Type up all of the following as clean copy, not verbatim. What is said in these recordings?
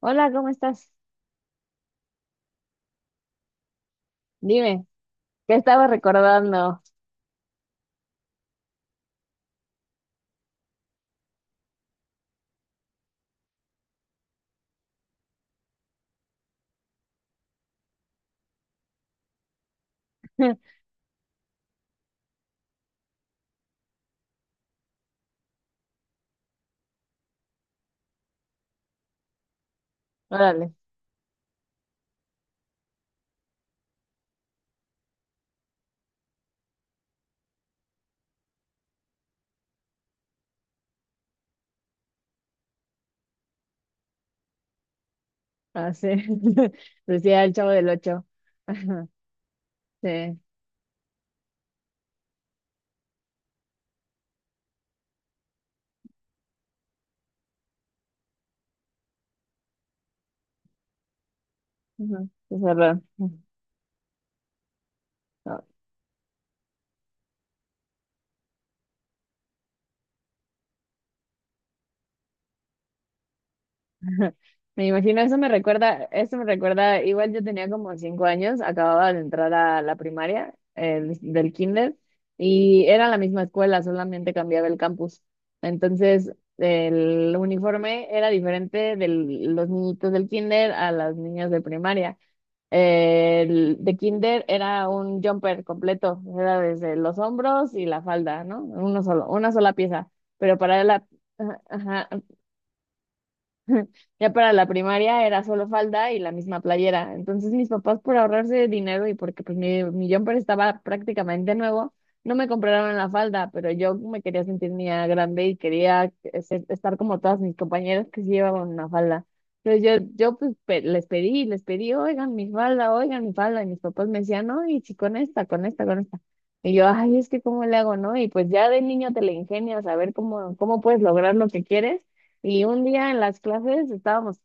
Hola, ¿cómo estás? Dime, ¿qué estaba recordando? Órale, ah, sí. Decía el Chavo del Ocho. Ajá, sí, ujú, es verdad. Ah, me imagino, eso me recuerda, igual yo tenía como 5 años, acababa de entrar a la primaria, del kinder, y era la misma escuela, solamente cambiaba el campus. Entonces, el uniforme era diferente de los niñitos del kinder a las niñas de primaria. El de kinder era un jumper completo, era desde los hombros y la falda, ¿no? Uno solo, una sola pieza. Pero para la, ajá, ajá, ya para la primaria era solo falda y la misma playera. Entonces mis papás por ahorrarse dinero y porque pues mi jumper estaba prácticamente nuevo, no me compraron la falda, pero yo me quería sentir niña grande y quería estar como todas mis compañeras que sí llevaban una falda. Entonces yo pues les pedí, y les pedí, oigan mi falda, y mis papás me decían, no, y si con esta, con esta, con esta. Y yo, ay, es que cómo le hago, ¿no? Y pues ya de niño te le ingenias a ver cómo puedes lograr lo que quieres. Y un día en las clases estábamos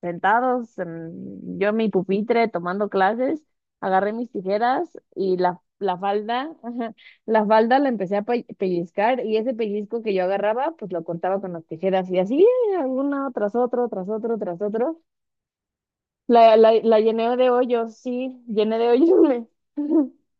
sentados, yo en mi pupitre tomando clases, agarré mis tijeras y la falda, ajá, la falda la empecé a pellizcar y ese pellizco que yo agarraba, pues lo cortaba con las tijeras y así, alguna tras otro, tras otro, tras otro. La llené de hoyos, sí, llené de hoyos.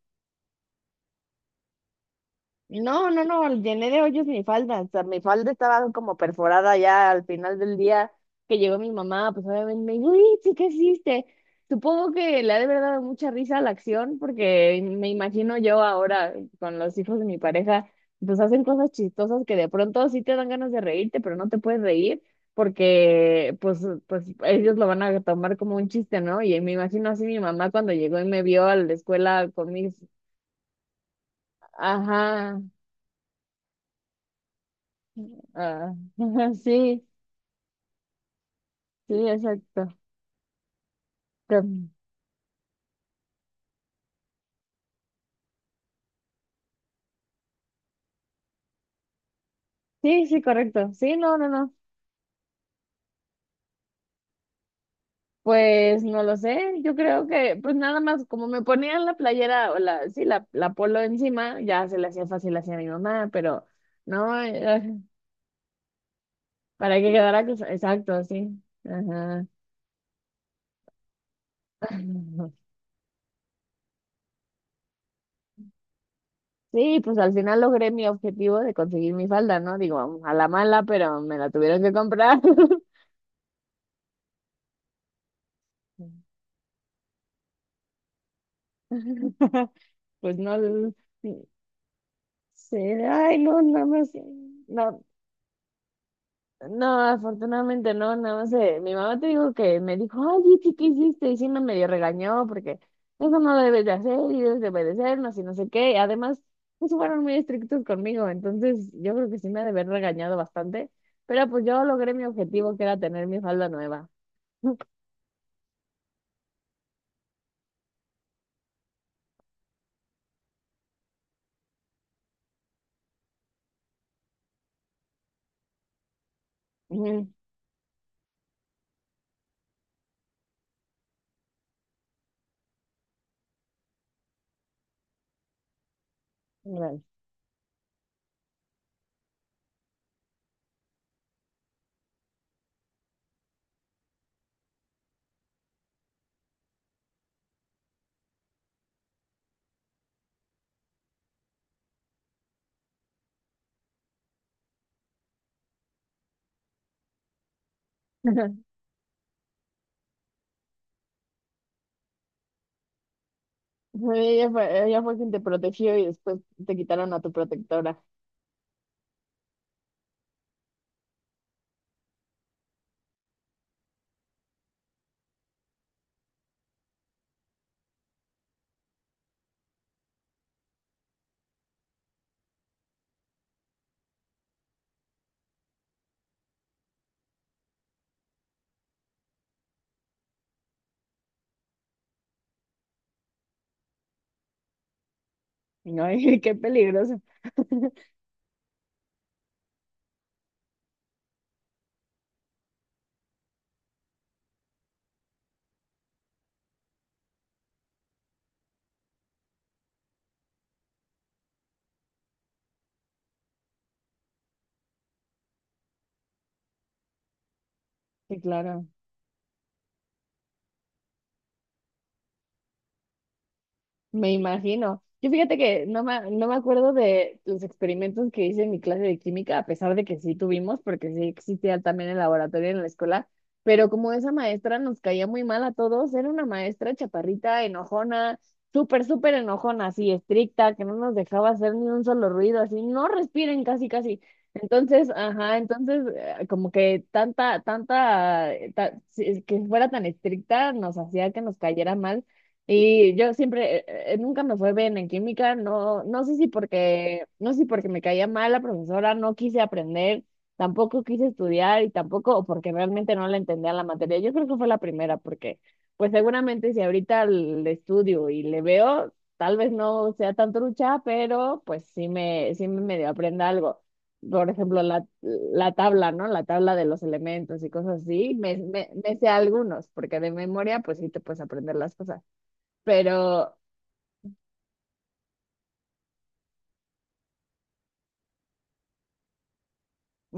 No, no, no, llené de hoyos mi falda, o sea, mi falda estaba como perforada ya al final del día que llegó mi mamá, pues obviamente me dijo, uy, sí, ¿qué hiciste? Supongo que le ha de haber dado mucha risa a la acción, porque me imagino yo ahora con los hijos de mi pareja, pues hacen cosas chistosas que de pronto sí te dan ganas de reírte, pero no te puedes reír, porque pues ellos lo van a tomar como un chiste, ¿no? Y me imagino así mi mamá cuando llegó y me vio a la escuela con mis... Ajá. Ah, sí, sí, exacto. Pero- sí, sí, correcto. Sí, no, no, no. Pues no lo sé. Yo creo que, pues nada más, como me ponían la playera o la, sí, la polo encima, ya se le hacía fácil hacia mi mamá, pero no, para que quedara, exacto, sí. Ajá. Sí, pues al final logré mi objetivo de conseguir mi falda, ¿no? Digo, a la mala, pero me la tuvieron que comprar. Pues no. Sí. Sí, ay, no, nada más. No, no, afortunadamente no, nada más. Mi mamá te dijo que me dijo, ay, Itzi, ¿qué hiciste? Y sí me medio regañó porque eso no lo debes de hacer y debes de obedecernos y no sé qué. Además, pues fueron muy estrictos conmigo, entonces yo creo que sí me ha de haber regañado bastante. Pero pues yo logré mi objetivo que era tener mi falda nueva. Ujú, gracias. Ella fue quien te protegió y después te quitaron a tu protectora. Y no, qué peligroso. Sí, claro. Me imagino. Yo fíjate que no me acuerdo de los experimentos que hice en mi clase de química, a pesar de que sí tuvimos, porque sí existía también el laboratorio en la escuela, pero como esa maestra nos caía muy mal a todos, era una maestra chaparrita, enojona, súper, súper enojona, así estricta, que no nos dejaba hacer ni un solo ruido, así, no respiren casi, casi. Entonces, ajá, entonces, como que tanta, tanta, que fuera tan estricta nos hacía que nos cayera mal. Y yo siempre, nunca me fue bien en química, no, no sé si porque me caía mal la profesora, no quise aprender, tampoco quise estudiar y tampoco o porque realmente no le entendía la materia. Yo creo que fue la primera, porque pues seguramente si ahorita le estudio y le veo, tal vez no sea tan trucha, pero pues sí me medio aprenda algo. Por ejemplo, la tabla, ¿no? La tabla de los elementos y cosas así, me sé algunos, porque de memoria pues sí te puedes aprender las cosas pero,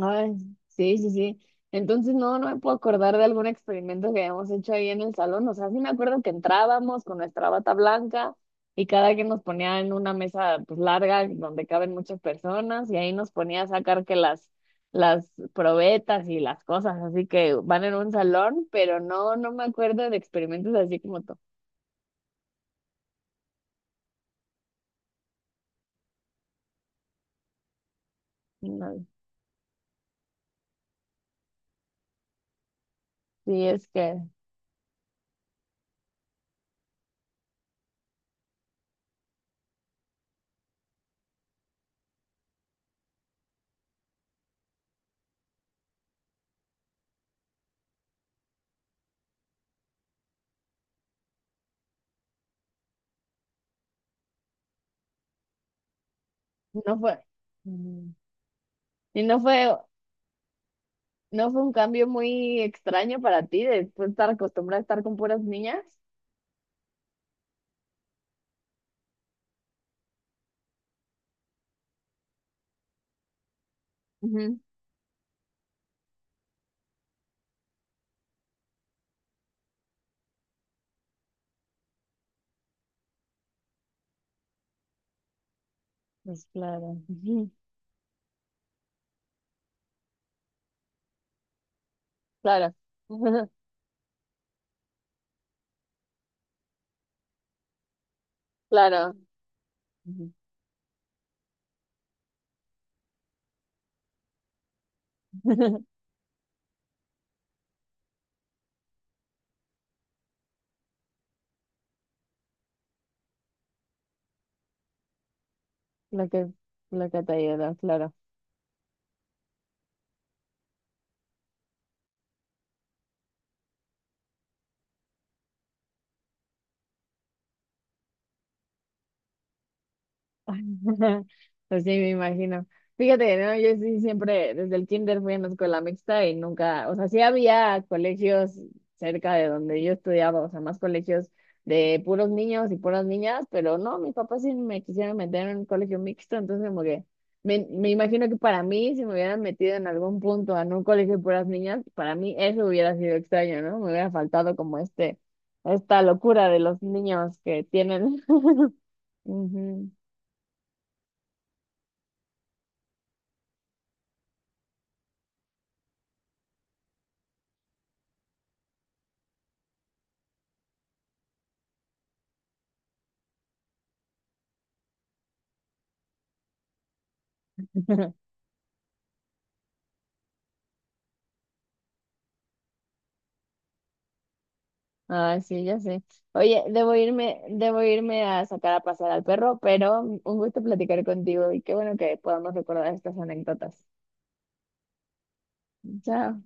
ay, sí, sí, sí. Entonces, no, no me puedo acordar de algún experimento que habíamos hecho ahí en el salón. O sea, sí me acuerdo que entrábamos con nuestra bata blanca y cada quien nos ponía en una mesa pues larga donde caben muchas personas y ahí nos ponía a sacar que las probetas y las cosas, así que van en un salón, pero no, no me acuerdo de experimentos así como tú. No, sí, es que no fue. Mm, y no fue. ¿No fue un cambio muy extraño para ti de tú estar acostumbrada a estar con puras niñas? Ujú, pues claro, ujú, claro, claro, ujú. lo que, lo que te ayuda, claro. Pues sí, me imagino. Fíjate, ¿no? Yo sí siempre, desde el kinder fui en la escuela mixta y nunca, o sea, sí había colegios cerca de donde yo estudiaba, o sea, más colegios de puros niños y puras niñas, pero no, mis papás sí me quisieron meter en un colegio mixto, entonces como que me imagino que para mí, si me hubieran metido en algún punto en un colegio de puras niñas, para mí eso hubiera sido extraño, ¿no? Me hubiera faltado como este, esta locura de los niños que tienen. Ujú. Ah, sí, ya sé. Oye, debo irme a sacar a pasar al perro, pero un gusto platicar contigo y qué bueno que podamos recordar estas anécdotas. Chao.